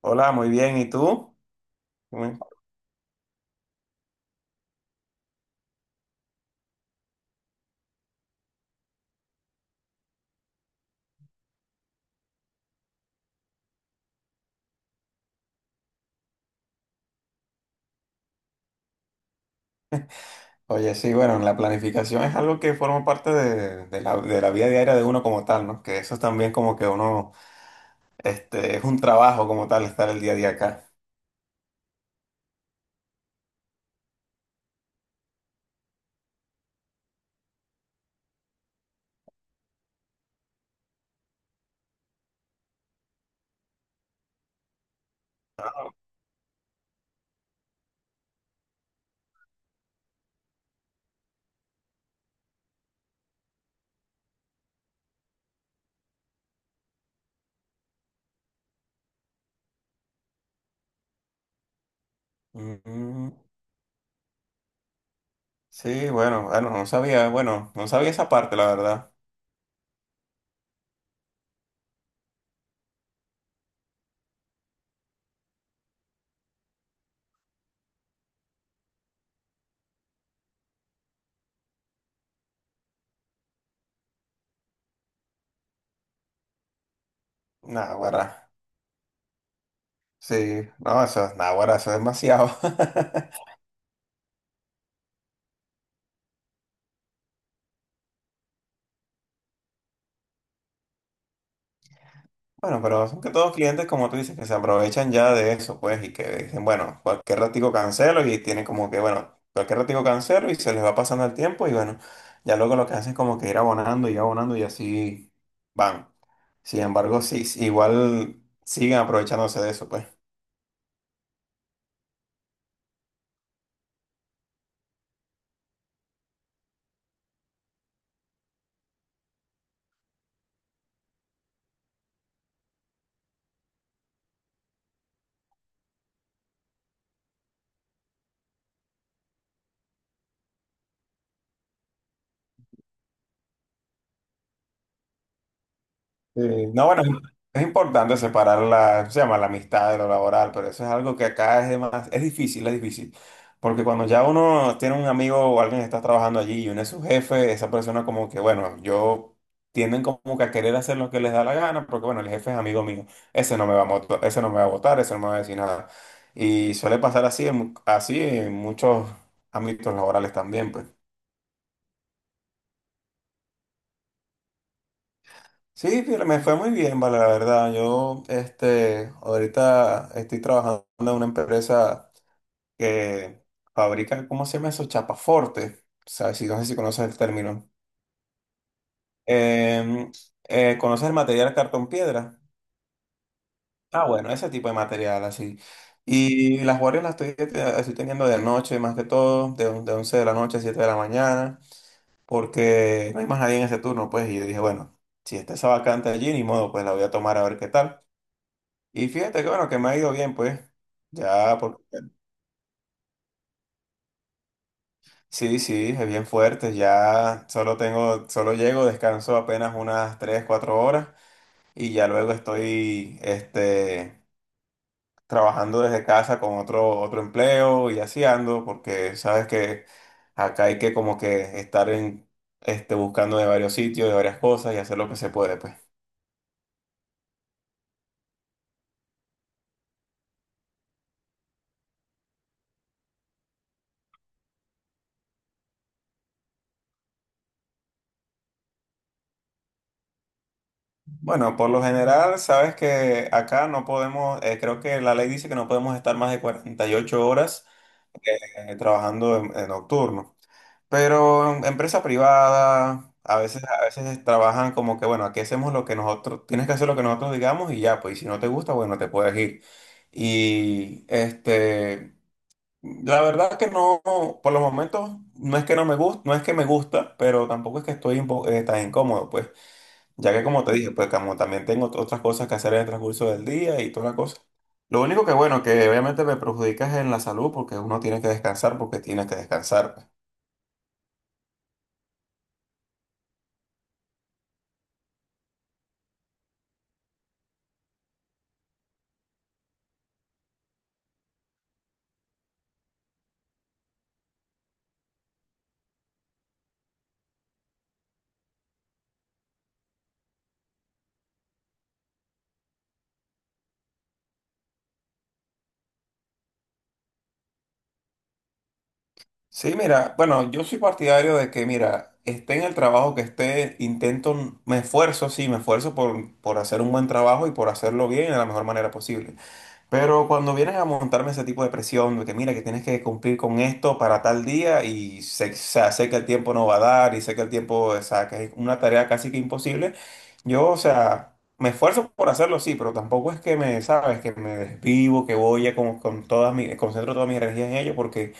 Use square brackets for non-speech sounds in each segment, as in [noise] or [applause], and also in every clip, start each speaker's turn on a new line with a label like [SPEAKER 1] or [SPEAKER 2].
[SPEAKER 1] Hola, muy bien. ¿Y tú? Muy- Oye, sí, bueno, la planificación es algo que forma parte de la vida diaria de uno como tal, ¿no? Que eso es también como que uno es un trabajo como tal estar el día a día acá. Mm, sí, bueno, no sabía, bueno, no sabía esa parte, la verdad. Naguará. Sí, no, eso, naguará, eso es demasiado. [laughs] Bueno, pero son que todos clientes, como tú dices, que se aprovechan ya de eso, pues, y que dicen, bueno, cualquier ratico cancelo y tienen como que, bueno, cualquier ratico cancelo y se les va pasando el tiempo y bueno, ya luego lo que hacen es como que ir abonando y abonando y así van. Sin embargo, sí, sí, igual siguen aprovechándose de eso, pues. Sí, no, bueno, es importante separar la, ¿cómo se llama? La amistad de lo laboral, pero eso es algo que acá es de más, es difícil, es difícil. Porque cuando ya uno tiene un amigo o alguien que está trabajando allí y uno es su jefe, esa persona como que, bueno, yo tienden como que a querer hacer lo que les da la gana, porque bueno, el jefe es amigo mío, ese no me va a votar, ese no me va a votar, ese no me va a decir nada. Y suele pasar así así en muchos ámbitos laborales también, pues. Sí, fíjate, me fue muy bien, vale, la verdad. Yo, este, ahorita estoy trabajando en una empresa que fabrica, ¿cómo se llama eso? Chapaforte. O sea, si, no sé si conoces el término. Em, ¿Conoces el material cartón piedra? Ah, bueno, ese tipo de material, así. Y las guardias las estoy teniendo de noche, más que todo, de 11 de la noche a 7 de la mañana, porque no hay más nadie en ese turno, pues. Y yo dije, bueno, si está esa vacante allí, ni modo, pues la voy a tomar a ver qué tal. Y fíjate que bueno, que me ha ido bien, pues. Ya, porque sí, sí, es bien fuerte. Ya solo tengo, solo llego, descanso apenas unas 3 o 4 horas y ya luego estoy, este, trabajando desde casa con otro empleo y así ando, porque sabes que acá hay que como que estar en buscando de varios sitios, de varias cosas y hacer lo que se puede, pues. Bueno, por lo general, sabes que acá no podemos, creo que la ley dice que no podemos estar más de 48 horas trabajando en nocturno. Pero en empresa privada, a veces trabajan como que, bueno, aquí hacemos lo que nosotros, tienes que hacer lo que nosotros digamos y ya, pues, y si no te gusta, bueno, te puedes ir. Y este, la verdad que no, por los momentos, no es que no me gusta, no es que me gusta, pero tampoco es que tan incómodo, pues. Ya que como te dije, pues como también tengo otras cosas que hacer en el transcurso del día y todas las cosas. Lo único que bueno, que obviamente me perjudica es en la salud porque uno tiene que descansar porque tiene que descansar pues. Sí, mira, bueno, yo soy partidario de que, mira, esté en el trabajo que esté, intento, me esfuerzo, sí, me esfuerzo por hacer un buen trabajo y por hacerlo bien de la mejor manera posible. Pero cuando vienes a montarme ese tipo de presión, de que mira que tienes que cumplir con esto para tal día y sé, o sea, sé que el tiempo no va a dar y sé que el tiempo, o sea, que es una tarea casi que imposible, yo, o sea, me esfuerzo por hacerlo, sí, pero tampoco es que me, sabes, que me desvivo, que voy a con todas mis, concentro toda mi energía en ello, porque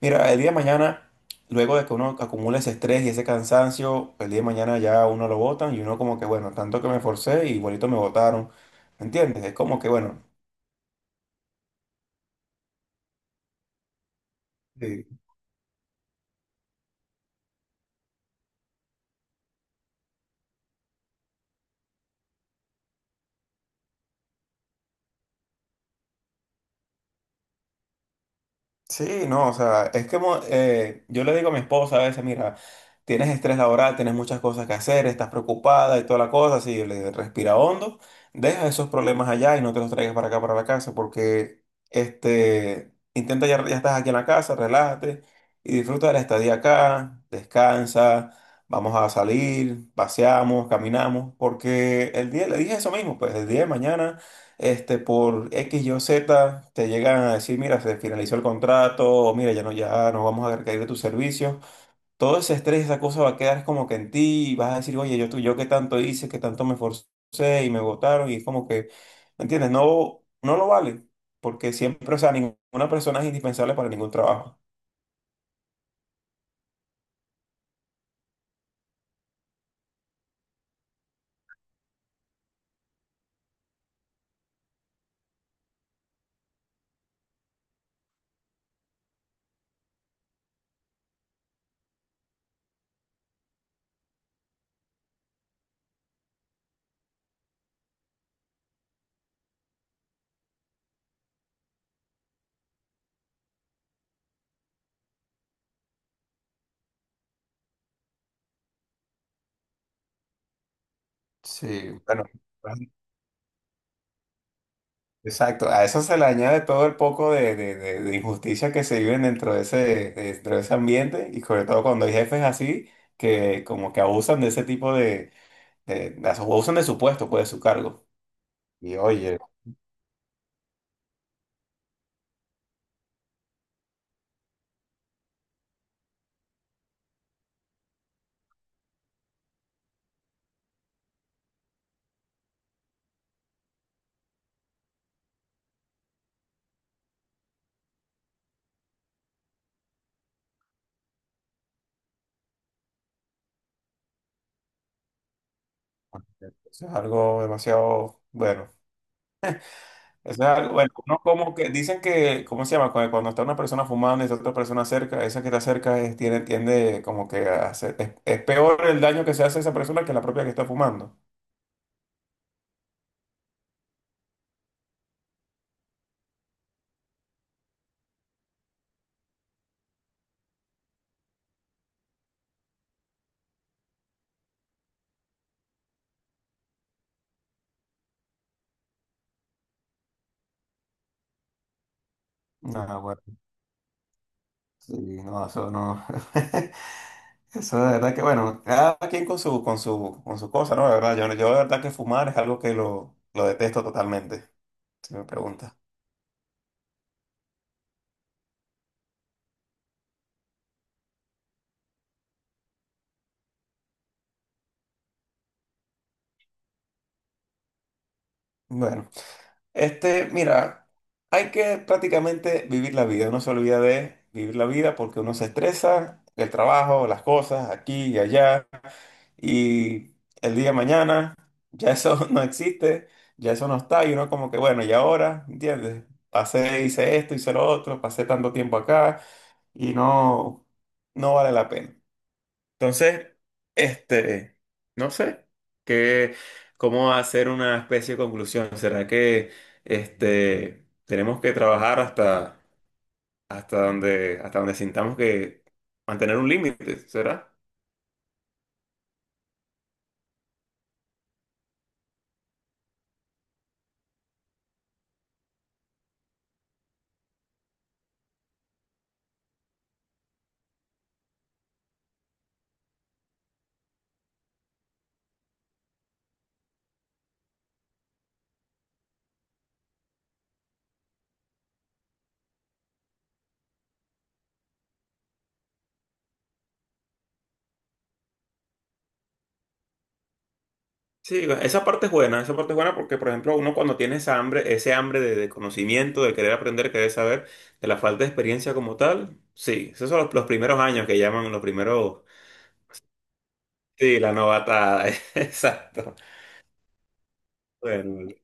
[SPEAKER 1] mira, el día de mañana, luego de que uno acumula ese estrés y ese cansancio, el día de mañana ya uno lo botan y uno como que, bueno, tanto que me esforcé y bonito me botaron, ¿me entiendes? Es como que, bueno. Sí, sí, no, o sea, es que yo le digo a mi esposa a veces, mira, tienes estrés laboral, tienes muchas cosas que hacer, estás preocupada y toda la cosa, así, yo le digo, respira hondo, deja esos problemas allá y no te los traigas para acá, para la casa, porque, este, intenta ya estás aquí en la casa, relájate y disfruta de la estadía acá, descansa, vamos a salir, paseamos, caminamos, porque el día, le dije eso mismo, pues el día de mañana este, por X, Y, o Z, te llegan a decir, mira, se finalizó el contrato, o mira, ya no vamos a requerir de tus servicios. Todo ese estrés, esa cosa va a quedar como que en ti y vas a decir, oye, yo qué tanto hice, qué tanto me esforcé y me votaron y es como que, ¿me entiendes? No, no lo vale, porque siempre, o sea, ninguna persona es indispensable para ningún trabajo. Sí. Bueno, exacto, a eso se le añade todo el poco de injusticia que se viven dentro de ese ambiente y sobre todo cuando hay jefes así que como que abusan de ese tipo abusan de su puesto, pues de su cargo. Y oye, eso es algo demasiado bueno. Eso es algo, bueno, uno como que dicen que, ¿cómo se llama? Cuando, cuando está una persona fumando y está otra persona cerca, esa que está cerca tiene, tiende como que a es peor el daño que se hace a esa persona que la propia que está fumando. Ah, bueno. Sí, no, eso no. [laughs] Eso de verdad que, bueno, cada quien con su cosa, ¿no? De verdad, yo de verdad que fumar es algo que lo detesto totalmente, si me preguntas. Bueno, este, mira, hay que prácticamente vivir la vida. Uno se olvida de vivir la vida porque uno se estresa, el trabajo, las cosas, aquí y allá, y el día de mañana ya eso [laughs] no existe, ya eso no está, y uno como que, bueno, ¿y ahora? ¿Entiendes? Pasé, hice esto, hice lo otro, pasé tanto tiempo acá y no, no vale la pena. Entonces, este, no sé, qué, cómo hacer una especie de conclusión. ¿Será que este, tenemos que trabajar hasta, hasta donde sintamos que mantener un límite? ¿Será? Sí, esa parte es buena, esa parte es buena porque, por ejemplo, uno cuando tiene esa hambre, ese hambre de conocimiento, de querer aprender, querer saber, de la falta de experiencia como tal, sí, esos son los primeros años que llaman los primeros, sí, la novatada, [laughs] exacto. Bueno, vale.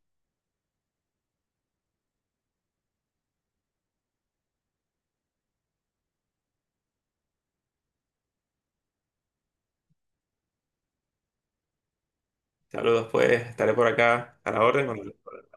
[SPEAKER 1] Saludos pues, estaré por acá a la orden. Cuando-